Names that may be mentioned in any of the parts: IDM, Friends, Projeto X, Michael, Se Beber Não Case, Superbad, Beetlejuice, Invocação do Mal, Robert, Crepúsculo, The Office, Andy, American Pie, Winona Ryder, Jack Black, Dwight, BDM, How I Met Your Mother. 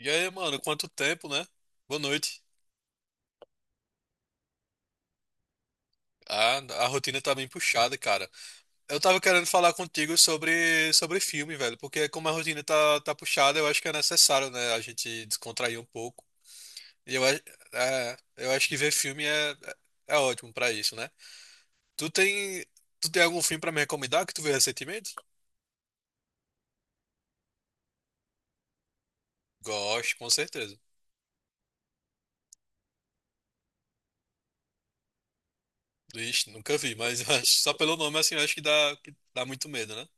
E aí, mano, quanto tempo, né? Boa noite. A, a rotina tá bem puxada, cara. Eu tava querendo falar contigo sobre filme, velho, porque como a rotina tá puxada, eu acho que é necessário, né, a gente descontrair um pouco. E eu, a- eu acho que ver filme é ótimo pra isso, né? Tu tem, tu tem algum filme pra me recomendar que tu viu recentemente? Gosto, com certeza. Ixi, nunca vi, mas só pelo nome, assim, eu acho que dá muito medo, né?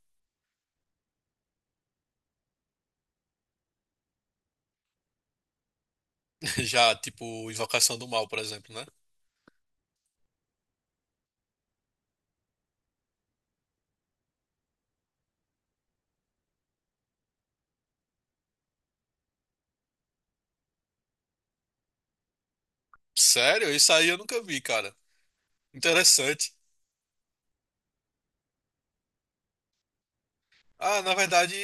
Já, tipo, Invocação do Mal, por exemplo, né? Sério? Isso aí eu nunca vi, cara. Interessante. Ah, na verdade,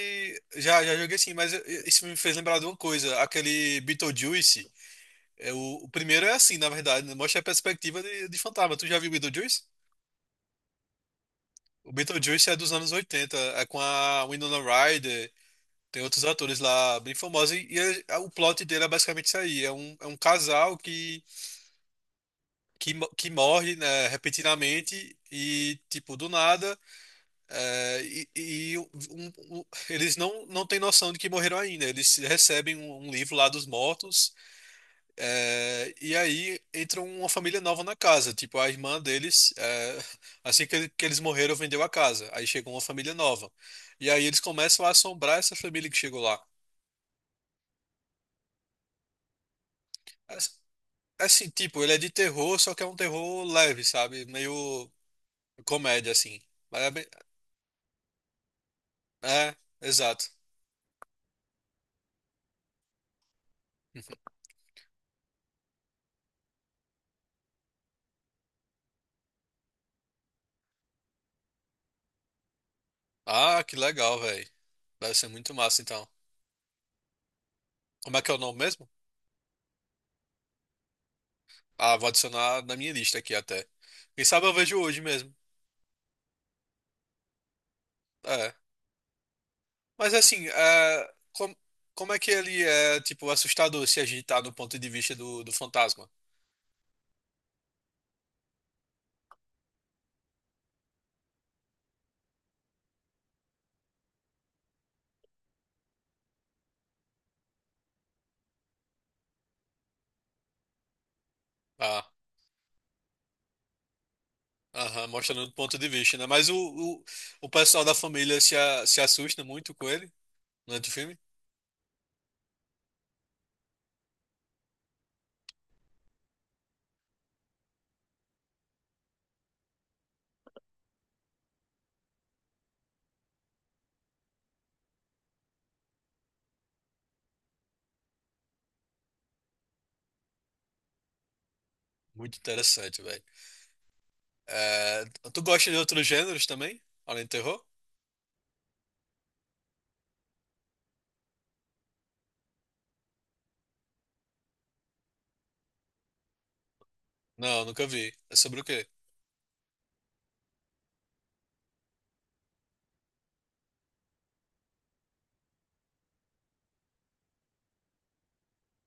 já joguei sim, mas isso me fez lembrar de uma coisa. Aquele Beetlejuice, é o, o primeiro é assim, na verdade, né? Mostra a perspectiva de fantasma. Tu já viu Beetlejuice? O Beetlejuice é dos anos oitenta, é com a Winona Ryder, tem outros atores lá bem famosos, e o plot dele é basicamente isso aí. É um casal que morre, né, repentinamente e, tipo, do nada. É, e e o- um- Eles não têm noção de que morreram ainda. Eles recebem um livro lá dos mortos, e aí entra uma família nova na casa. Tipo, a irmã deles, assim que eles morreram, vendeu a casa. Aí chegou uma família nova. E aí eles começam a assombrar essa família que chegou lá. As- Assim, tipo, ele é de terror, só que é um terror leve, sabe? Meio comédia, assim. Mas é, é, exato. Ah, que legal, velho. Deve ser muito massa, então. Como é que é o nome mesmo? Ah, vou adicionar na minha lista aqui até. Quem sabe eu vejo hoje mesmo. É. Mas assim, como é que ele é, tipo, assustador se a gente tá no ponto de vista do fantasma? Ah, aham, mostrando do ponto de vista, né? Mas o pessoal da família se assusta muito com ele durante o filme? Muito interessante, velho. É, tu gosta de outros gêneros também? Além do terror? Não, nunca vi. É sobre o quê?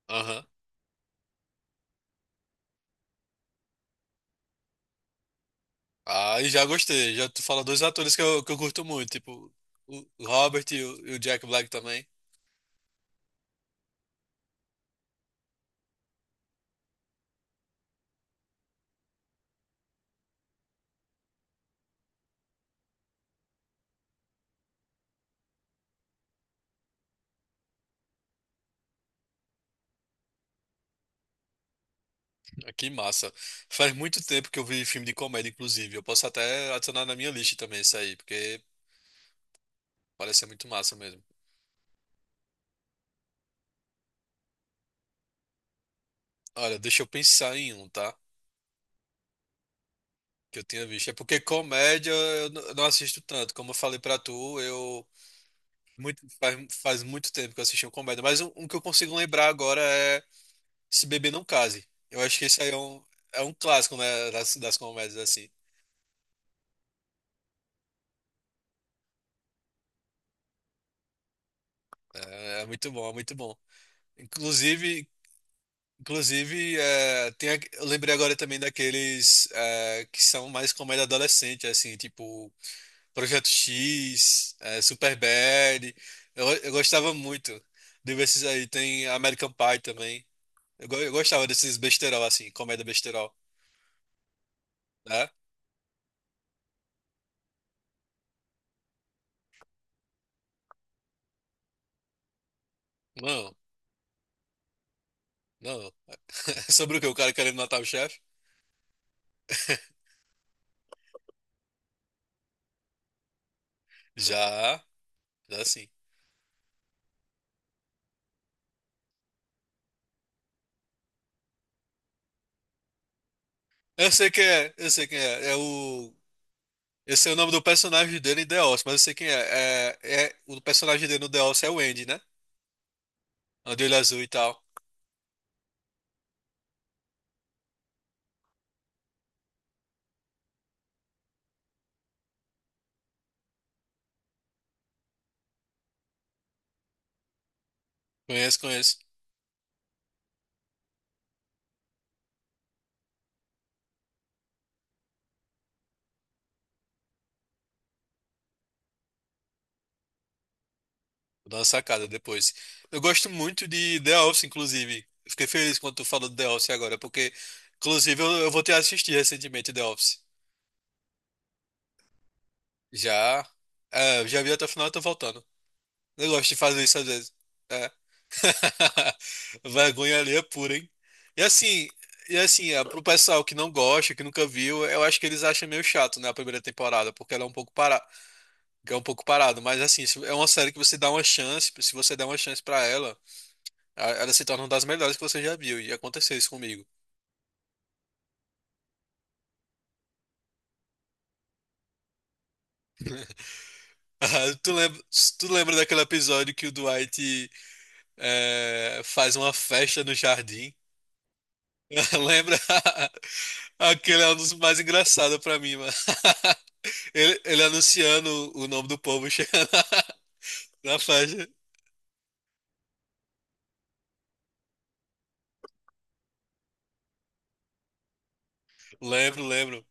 Aham. Ah, e já gostei. Já tu fala dois atores que eu curto muito, tipo o Robert e o Jack Black também. Ah, que massa. Faz muito tempo que eu vi filme de comédia, inclusive. Eu posso até adicionar na minha lista também isso aí, porque parece ser muito massa mesmo. Olha, deixa eu pensar em um, tá? Que eu tinha visto. É porque comédia eu não assisto tanto. Como eu falei pra tu, eu. Muito, faz, Faz muito tempo que eu assisti um comédia, mas um que eu consigo lembrar agora é Se Beber Não Case. Eu acho que esse aí é um clássico, né, das comédias, assim. É muito bom, é muito bom. Inclusive, eu lembrei agora também daqueles, que são mais comédia adolescente, assim, tipo Projeto X, Superbad. Eu gostava muito desses aí. Tem American Pie também. Eu gostava desses besterol, assim, comédia besterol. Né? Não, não. Sobre o que? O cara querendo matar o chefe? Já, já sim. Eu sei quem é, eu sei quem é. É o. Eu sei o nome do personagem dele em The Office, mas eu sei quem é. O personagem dele no The Office é o Andy, né? O de olho azul e tal. Conheço, conheço. Vou dar uma sacada depois. Eu gosto muito de The Office, inclusive. Eu fiquei feliz quando tu falou do The Office agora, porque, inclusive, eu voltei a assistir recentemente The Office. Já. É, eu já vi até o final e tô voltando. Eu gosto de fazer isso às vezes. É. Vergonha alheia pura, hein? E assim, pro pessoal que não gosta, que nunca viu, eu acho que eles acham meio chato, né, a primeira temporada, porque ela é um pouco parada, é um pouco parado, mas assim, é uma série que você dá uma chance, se você der uma chance pra ela, ela se torna uma das melhores que você já viu, e aconteceu isso comigo. Ah, tu lembra daquele episódio que o Dwight faz uma festa no jardim? Lembra? Aquele é um dos mais engraçados pra mim, mano. Ele anunciando o nome do povo chegando na faixa. Lembro, lembro.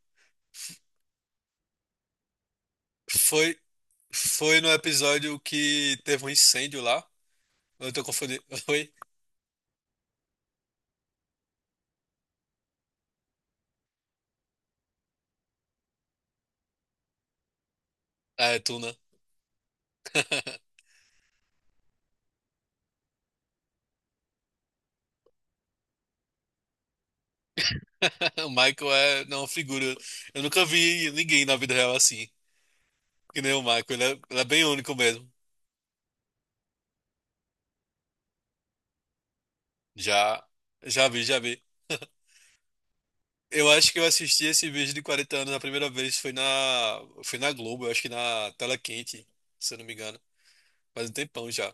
Foi, foi no episódio que teve um incêndio lá. Eu tô confundindo. Oi? Ah, é tu, né? O Michael é não, uma figura. Eu nunca vi ninguém na vida real assim. Que nem o Michael. Ele é bem único mesmo. Já, já vi, já vi. Eu acho que eu assisti esse vídeo de 40 anos a primeira vez foi na Globo, eu acho que na Tela Quente, se eu não me engano. Faz um tempão já.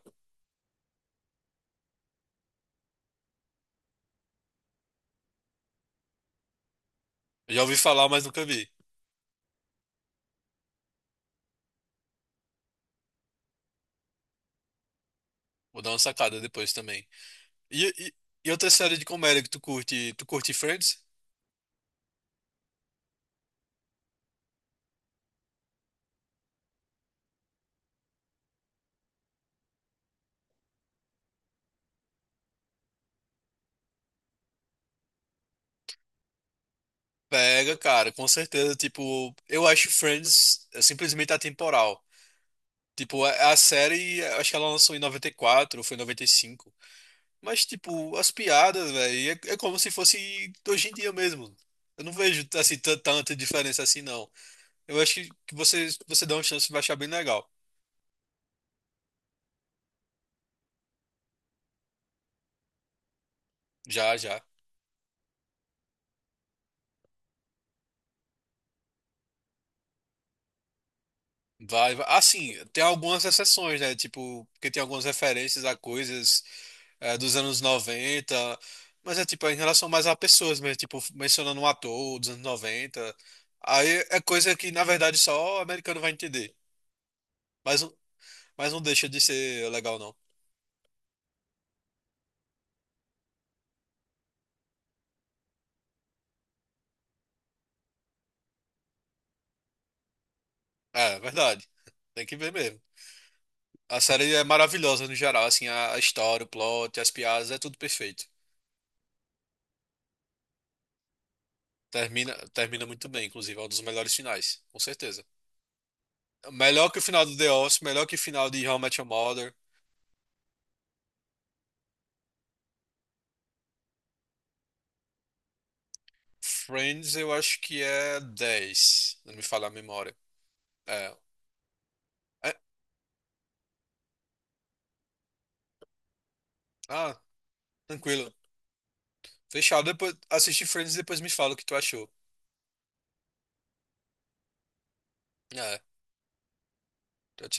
Eu já ouvi falar, mas nunca vi. Vou dar uma sacada depois também. E, e, e outra série de comédia que tu curte? Tu curte Friends? Pega, cara, com certeza. Tipo, eu acho Friends simplesmente atemporal. Tipo, a série, acho que ela lançou em 94 ou foi em 95. Mas, tipo, as piadas, velho, é como se fosse de hoje em dia mesmo. Eu não vejo, assim, tanta diferença assim, não. Eu acho que você, você dá uma chance, vai achar bem legal. Já, já. Vai, vai. Assim, tem algumas exceções, né? Tipo, porque tem algumas referências a coisas, dos anos noventa, mas é tipo em relação mais a pessoas mesmo, tipo, mencionando um ator dos anos noventa. Aí é coisa que, na verdade, só o americano vai entender. Mas, não- mas não deixa de ser legal, não. É, verdade. Tem que ver mesmo. A série é maravilhosa no geral, assim, a história, o plot, as piadas, é tudo perfeito. Termina muito bem, inclusive, é um dos melhores finais, com certeza. Melhor que o final do The Office, melhor que o final de How I Met Your Mother. Friends, eu acho que é 10, não me falha a memória. É. É. Ah, tranquilo. Fechado, depois assiste Friends e depois me fala o que tu achou. É, tchau, tchau.